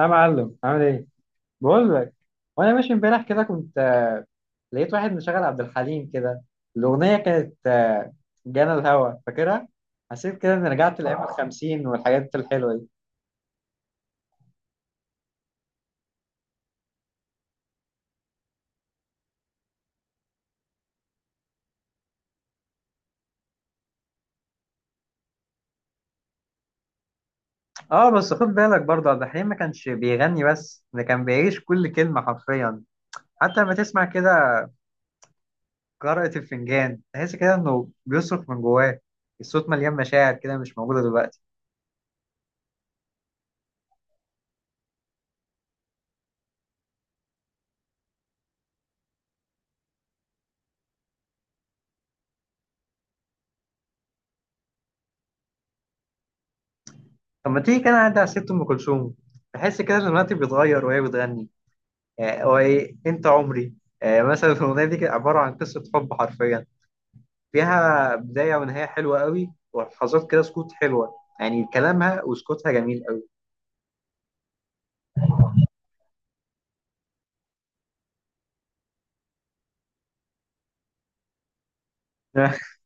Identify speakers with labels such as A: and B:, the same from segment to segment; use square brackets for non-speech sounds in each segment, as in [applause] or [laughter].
A: يا معلم، عامل ايه؟ بقول لك. وانا ماشي امبارح كده كنت لقيت واحد مشغل عبد الحليم كده، الاغنيه كانت جانا الهوى، فاكرها؟ حسيت كده اني رجعت لايام الخمسين والحاجات الحلوه دي. اه، بس خد بالك برضه، عبد الحليم ما كانش بيغني بس، ده كان بيعيش كل كلمه حرفيا. حتى لما تسمع كده قراءة الفنجان تحس كده انه بيصرخ من جواه. الصوت مليان مشاعر كده، مش موجوده دلوقتي. طب ما تيجي كده نعدي على ست ام كلثوم. تحس كده ان الوقت بيتغير وهي بتغني. يعني هو ايه؟ انت عمري. مثلا الاغنيه دي كانت عباره عن قصه حب حرفيا، فيها بدايه ونهايه حلوه قوي ولحظات كده سكوت حلوه. يعني كلامها وسكوتها جميل قوي. [laughs]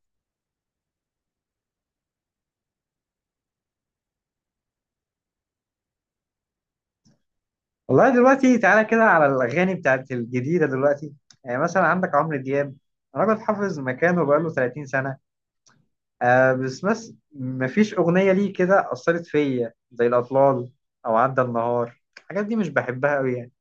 A: والله دلوقتي، تعالى كده على الاغاني بتاعت الجديده دلوقتي. يعني مثلا عندك عمرو دياب، راجل حافظ مكانه بقاله 30 سنه. آه، بس مفيش اغنيه ليه كده اثرت فيا زي الاطلال، او عدى النهار. الحاجات دي مش بحبها قوي يعني.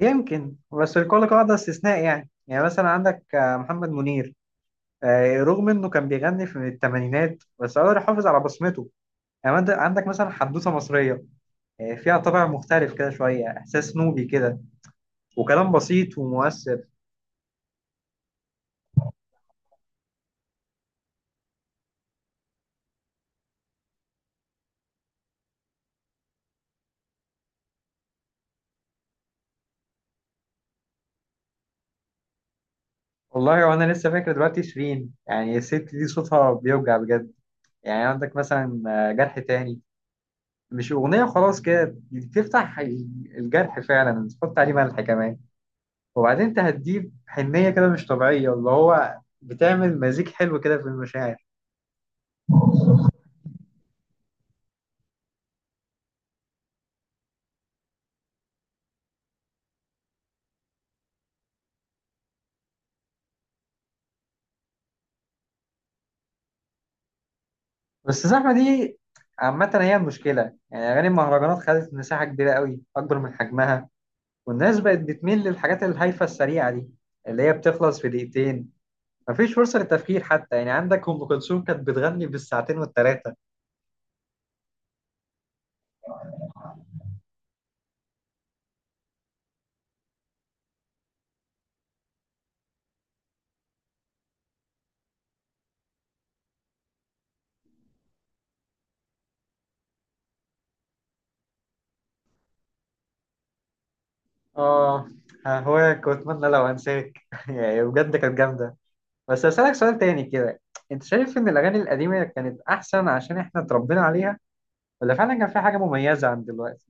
A: يمكن، بس لكل قاعدة استثناء. يعني مثلا عندك محمد منير. رغم انه كان بيغني في الثمانينات بس قدر يحافظ على بصمته. يعني عندك مثلا حدوثة مصرية، فيها طابع مختلف كده، شوية احساس نوبي كده، وكلام بسيط ومؤثر. والله وانا لسه فاكر دلوقتي شيرين، يعني الست دي صوتها بيوجع بجد. يعني عندك مثلا جرح تاني، مش أغنية خلاص كده، بتفتح الجرح فعلا، تحط عليه ملح كمان. وبعدين انت هتجيب حنية كده مش طبيعية، اللي هو بتعمل مزيج حلو كده في المشاعر. بس الزحمة دي عامة هي المشكلة، يعني أغاني المهرجانات خدت مساحة كبيرة قوي أكبر من حجمها. والناس بقت بتميل للحاجات الهايفة السريعة دي اللي هي بتخلص في دقيقتين. مفيش فرصة للتفكير حتى، يعني عندك أم كلثوم كانت بتغني بالساعتين والتلاتة. آه، هواك وأتمنى لو أنساك. [laughs] يعني بجد كانت جامدة. بس أسألك سؤال تاني كده، أنت شايف إن الأغاني القديمة كانت أحسن عشان إحنا اتربينا عليها، ولا فعلا كان في حاجة مميزة عن دلوقتي؟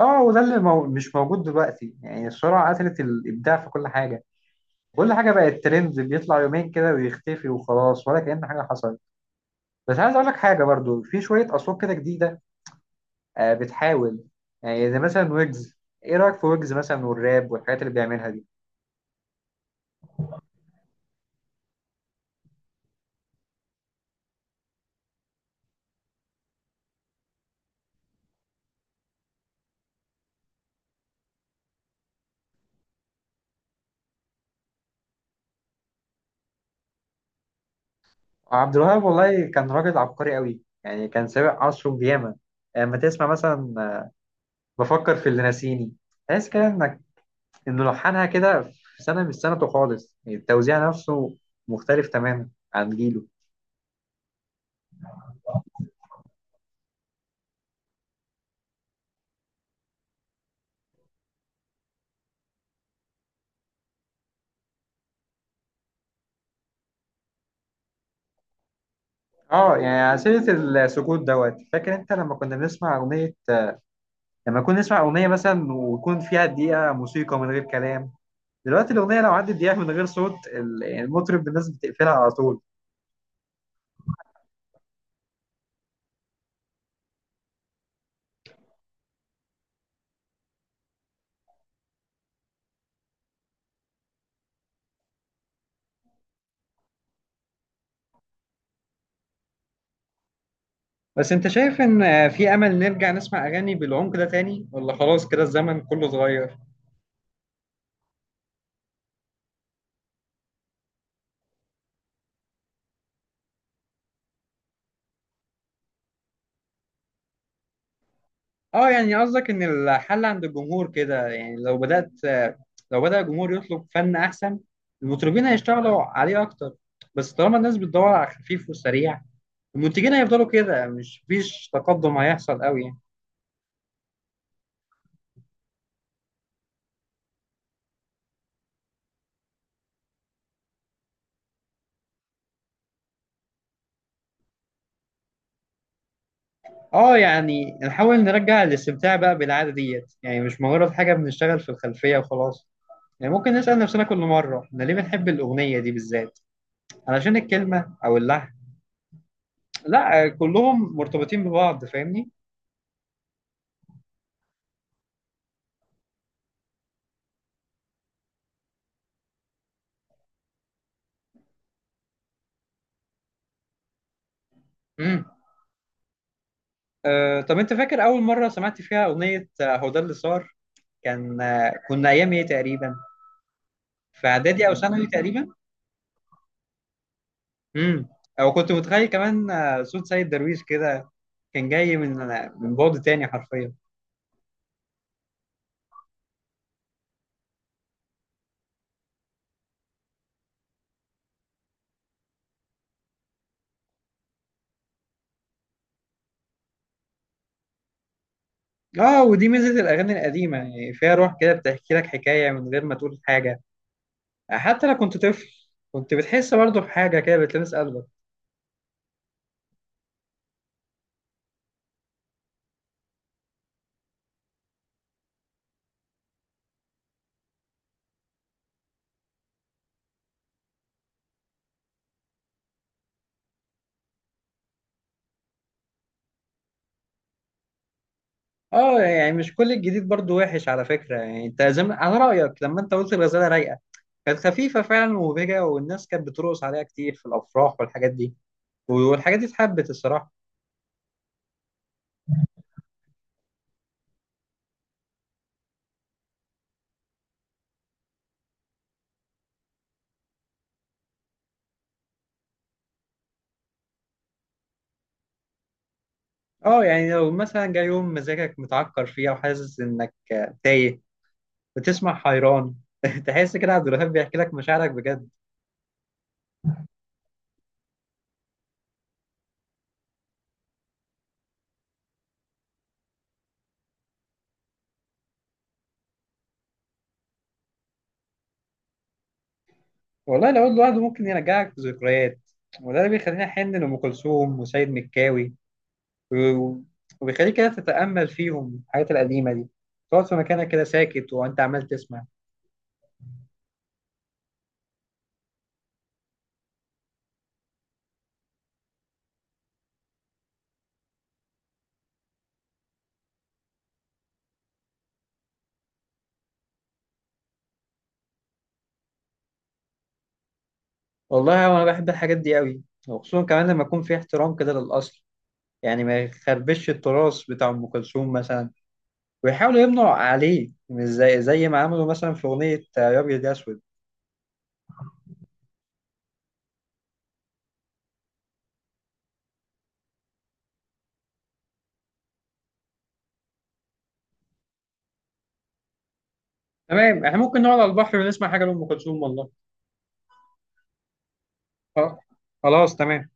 A: اه، وده اللي مش موجود دلوقتي، يعني السرعة قتلت الإبداع في كل حاجة. كل حاجة بقت ترند، بيطلع يومين كده ويختفي وخلاص، ولا كأن حاجة حصلت. بس عايز أقول لك حاجة برضو، في شوية أصوات كده جديدة آه بتحاول، يعني زي مثلا ويجز. إيه رأيك في ويجز مثلا والراب والحاجات اللي بيعملها دي؟ عبد الوهاب والله كان راجل عبقري قوي، يعني كان سابق عصره بياما. لما تسمع مثلا بفكر في اللي ناسيني، تحس كده إنك انه لحنها كده في سنه مش سنته خالص، يعني التوزيع نفسه مختلف تماما عن جيله. اه يعني على سيره السكوت دوت، فاكر انت لما كنا بنسمع اغنيه، لما كنا نسمع اغنيه مثلا ويكون فيها دقيقه موسيقى من غير كلام؟ دلوقتي الاغنيه لو عدت دقيقه من غير صوت يعني المطرب، الناس بتقفلها على طول. بس انت شايف ان في امل نرجع نسمع اغاني بالعمق ده تاني، ولا خلاص كده الزمن كله اتغير؟ اه، يعني قصدك ان الحل عند الجمهور كده، يعني لو بدأت، لو بدأ الجمهور يطلب فن احسن المطربين هيشتغلوا عليه اكتر. بس طالما الناس بتدور على خفيف وسريع، المنتجين هيفضلوا كده، مش فيش تقدم هيحصل قوي يعني. اه يعني نحاول نرجع الاستمتاع بقى بالعادة ديت، يعني مش مجرد حاجة بنشتغل في الخلفية وخلاص. يعني ممكن نسأل نفسنا كل مرة احنا ليه بنحب الأغنية دي بالذات، علشان الكلمة او اللحن؟ لا، كلهم مرتبطين ببعض، فاهمني؟ مم. أه، طب انت فاكر اول مره سمعت فيها اغنيه هو ده اللي صار؟ كان آه، كنا ايام ايه تقريبا؟ في اعدادي او ثانوي تقريبا. امم او كنت متخيل كمان صوت سيد درويش كده، كان جاي من بعد تاني حرفيا. اه، ودي ميزه الاغاني القديمه، يعني فيها روح كده بتحكي لك حكايه من غير ما تقول حاجه. حتى لو كنت طفل كنت بتحس برضه بحاجه كده بتلمس قلبك. اه، يعني مش كل الجديد برضو وحش على فكرة، يعني انت زي على رأيك، لما انت قلت الغزالة رايقة كانت خفيفة فعلا ومبهجة، والناس كانت بترقص عليها كتير في الأفراح والحاجات دي، والحاجات دي اتحبت الصراحة. اه، يعني لو مثلا جاي يوم مزاجك متعكر فيه أو حاسس إنك تايه، بتسمع حيران [laughs] تحس كده عبد الوهاب بيحكي لك مشاعرك بجد. والله لو لوحده ممكن يرجعك ذكريات، وده اللي بيخليني أحن لأم كلثوم وسيد مكاوي، و- وبيخليك كده تتأمل فيهم الحاجات القديمة دي، تقعد في مكانك كده ساكت وأنت عمال تسمع. والله أنا بحب الحاجات دي قوي، وخصوصا كمان لما يكون في احترام كده للأصل، يعني ما يخربش التراث بتاع أم كلثوم مثلا، ويحاولوا يمنعوا عليه، مش زي ما عملوا مثلا في أغنية يا أبيض يا أسود. تمام، إحنا ممكن نقعد على البحر ونسمع حاجة لأم كلثوم والله. آه، خلاص تمام.